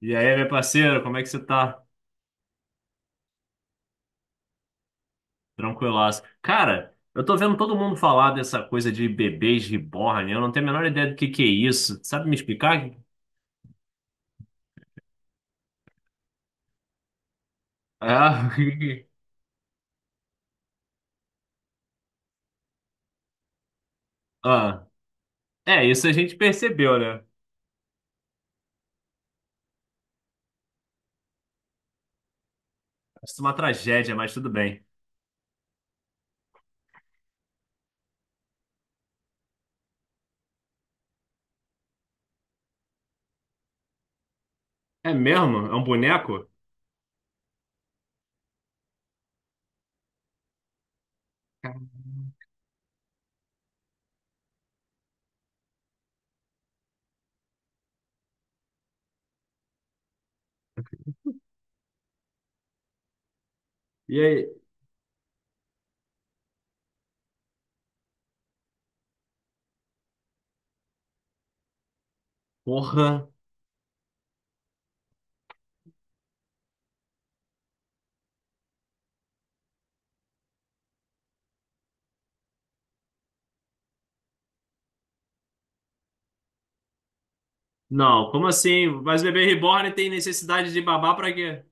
E aí, meu parceiro, como é que você tá? Tranquilaço. Cara, eu tô vendo todo mundo falar dessa coisa de bebês reborn, eu não tenho a menor ideia do que é isso. Sabe me explicar? Ah, ah. É, isso a gente percebeu, né? Isso é uma tragédia, mas tudo bem. É mesmo? É um boneco? E aí? Porra. Não, como assim? Mas bebê reborn tem necessidade de babar pra quê?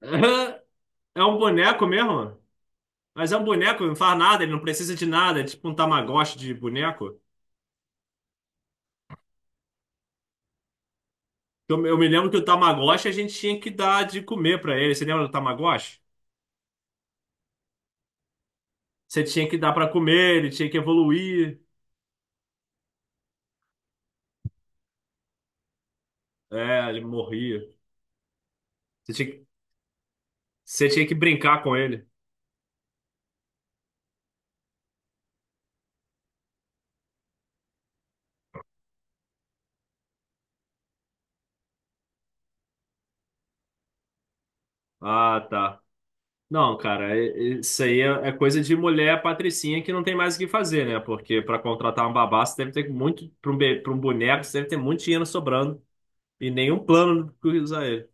É um boneco mesmo? Mas é um boneco, não faz nada, ele não precisa de nada, é tipo um Tamagotchi de boneco. Eu me lembro que o Tamagotchi a gente tinha que dar de comer pra ele. Você lembra do Tamagotchi? Você tinha que dar pra comer, ele tinha que evoluir. É, ele morria. Você tinha, que- Você tinha que brincar com ele. Ah, tá. Não, cara, isso aí é coisa de mulher patricinha que não tem mais o que fazer, né? Porque pra contratar um babá, você deve ter muito. Pra um boneco, você deve ter muito dinheiro sobrando. E nenhum plano do que usar ele.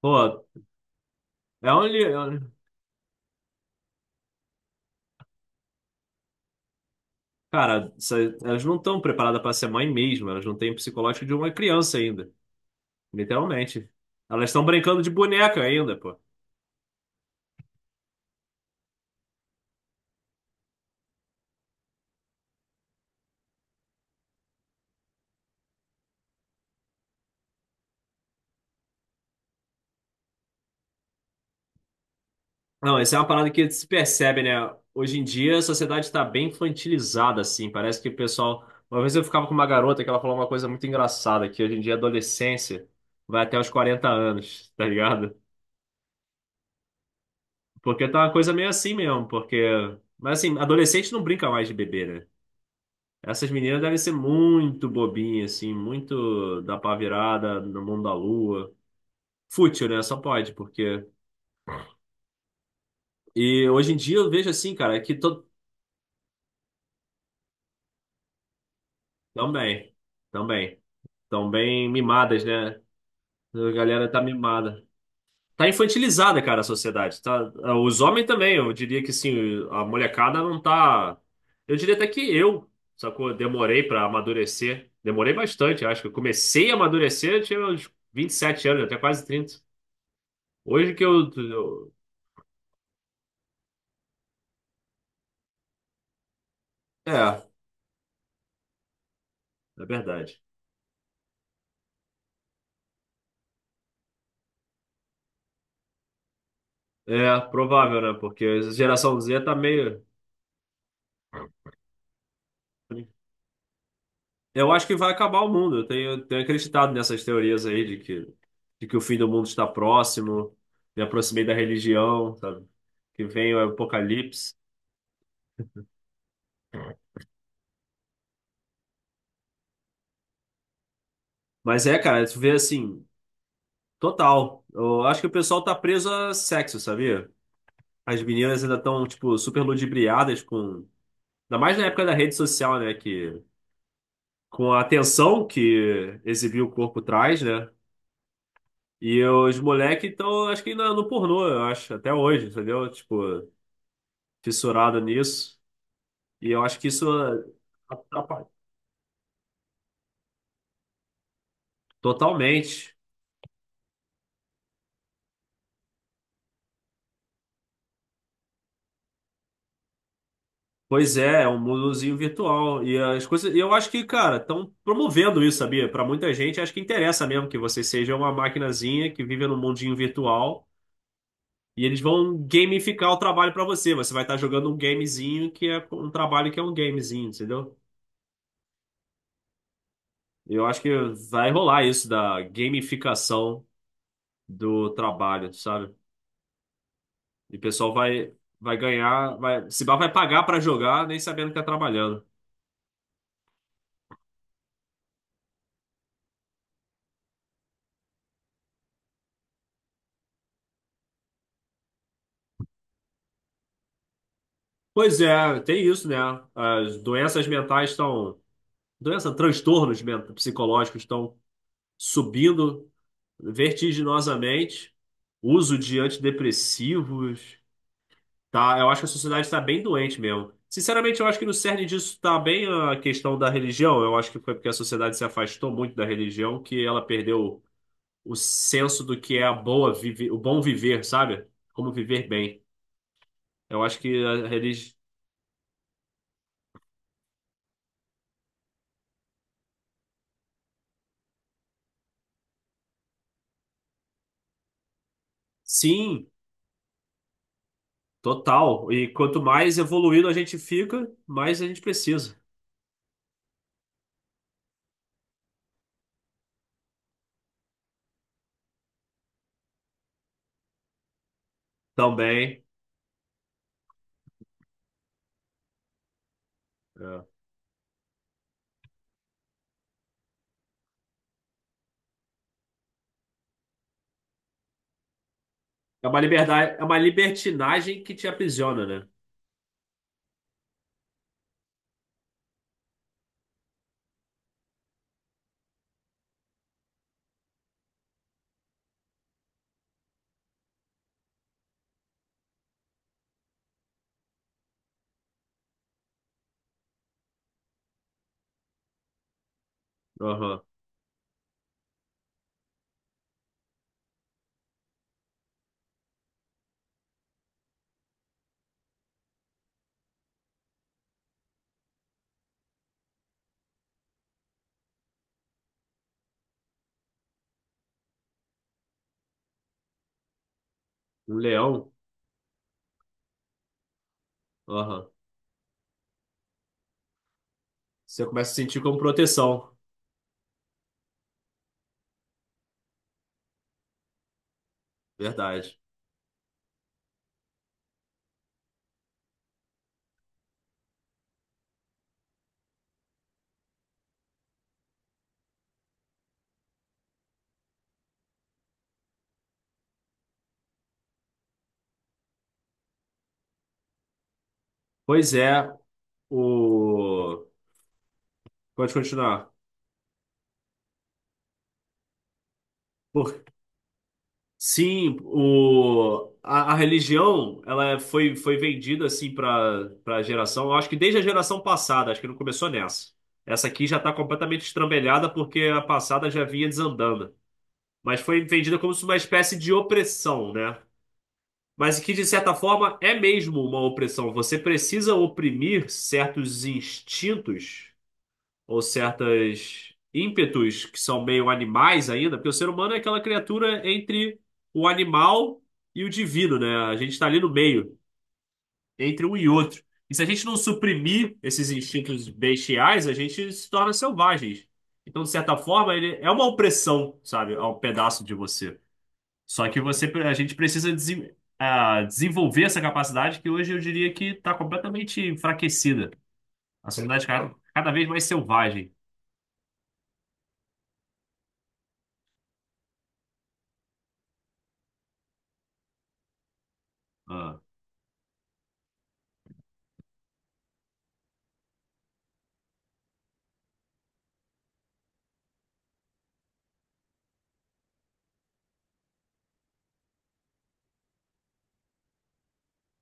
Pô, é um. Cara. Elas não estão preparadas para ser mãe mesmo, elas não têm o psicológico de uma criança ainda, literalmente. Elas estão brincando de boneca ainda, pô. Não, essa é uma parada que se percebe, né? Hoje em dia a sociedade está bem infantilizada, assim. Parece que o pessoal. Uma vez eu ficava com uma garota que ela falou uma coisa muito engraçada, que hoje em dia a adolescência vai até os 40 anos, tá ligado? Porque tá uma coisa meio assim mesmo, porque. Mas assim, adolescente não brinca mais de bebê, né? Essas meninas devem ser muito bobinhas, assim, muito da pá virada, no mundo da lua. Fútil, né? Só pode, porque. E hoje em dia eu vejo assim, cara, que to... também, também, tão bem mimadas, né? A galera tá mimada. Tá infantilizada, cara, a sociedade. Tá... Os homens também, eu diria que sim, a molecada não tá. Eu diria até que eu, sacou? Demorei pra amadurecer. Demorei bastante, acho que eu comecei a amadurecer, eu tinha uns 27 anos, até quase 30. Hoje que eu- É, é verdade. É provável, né? Porque a geração Z tá meio. Eu acho que vai acabar o mundo. Eu tenho acreditado nessas teorias aí de que o fim do mundo está próximo. Me aproximei da religião, sabe? Que vem o apocalipse. Mas é, cara, tu vê assim, total. Eu acho que o pessoal tá preso a sexo, sabia? As meninas ainda estão, tipo, super ludibriadas com. Ainda mais na época da rede social, né? Que com a atenção que exibir o corpo traz, né? E os moleques estão, acho que ainda no pornô, eu acho, até hoje, entendeu? Tipo, fissurado nisso. E eu acho que isso atrapalha totalmente. Pois é, é um mundozinho virtual. E as coisas. E eu acho que, cara, estão promovendo isso, sabia? Para muita gente, acho que interessa mesmo que você seja uma maquinazinha que vive num mundinho virtual. E eles vão gamificar o trabalho para você. Você vai estar jogando um gamezinho que é um trabalho que é um gamezinho, entendeu? Eu acho que vai rolar isso da gamificação do trabalho, sabe? E o pessoal vai, vai ganhar, vai, se bar vai pagar pra jogar, nem sabendo que tá trabalhando. Pois é, tem isso, né? As doenças mentais estão, transtornos psicológicos estão subindo vertiginosamente. Uso de antidepressivos, tá, eu acho que a sociedade está bem doente mesmo. Sinceramente, eu acho que no cerne disso está bem a questão da religião. Eu acho que foi porque a sociedade se afastou muito da religião que ela perdeu o senso do que é a boa vive, o bom viver, sabe? Como viver bem. Eu acho que a religião. Sim, total. E quanto mais evoluído a gente fica, mais a gente precisa. Também. É, É uma liberdade, é uma libertinagem que te aprisiona, né? Aham. Um leão. Aham. Você começa a sentir como proteção. Verdade. Pois é, o... Pode continuar. Por... Sim, o... a religião ela foi, foi vendida assim para geração, eu acho que desde a geração passada, acho que não começou nessa. Essa aqui já está completamente estrambelhada porque a passada já vinha desandando. Mas foi vendida como se uma espécie de opressão, né? Mas que, de certa forma, é mesmo uma opressão. Você precisa oprimir certos instintos ou certos ímpetos que são meio animais ainda, porque o ser humano é aquela criatura entre o animal e o divino, né? A gente está ali no meio, entre um e outro. E se a gente não suprimir esses instintos bestiais, a gente se torna selvagens. Então, de certa forma, ele é uma opressão, sabe, a um pedaço de você. Só que você, a gente precisa desenvolver essa capacidade que hoje eu diria que está completamente enfraquecida. A sociedade cada vez mais selvagem. Ah,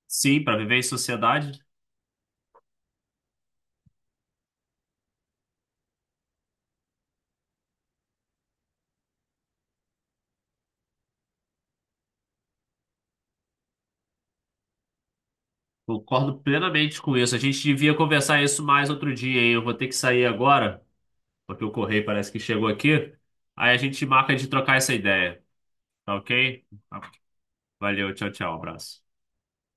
sim, para viver em sociedade. Concordo plenamente com isso. A gente devia conversar isso mais outro dia, hein? Eu vou ter que sair agora, porque o correio parece que chegou aqui. Aí a gente marca de trocar essa ideia, tá ok? Tá. Valeu, tchau, tchau, abraço.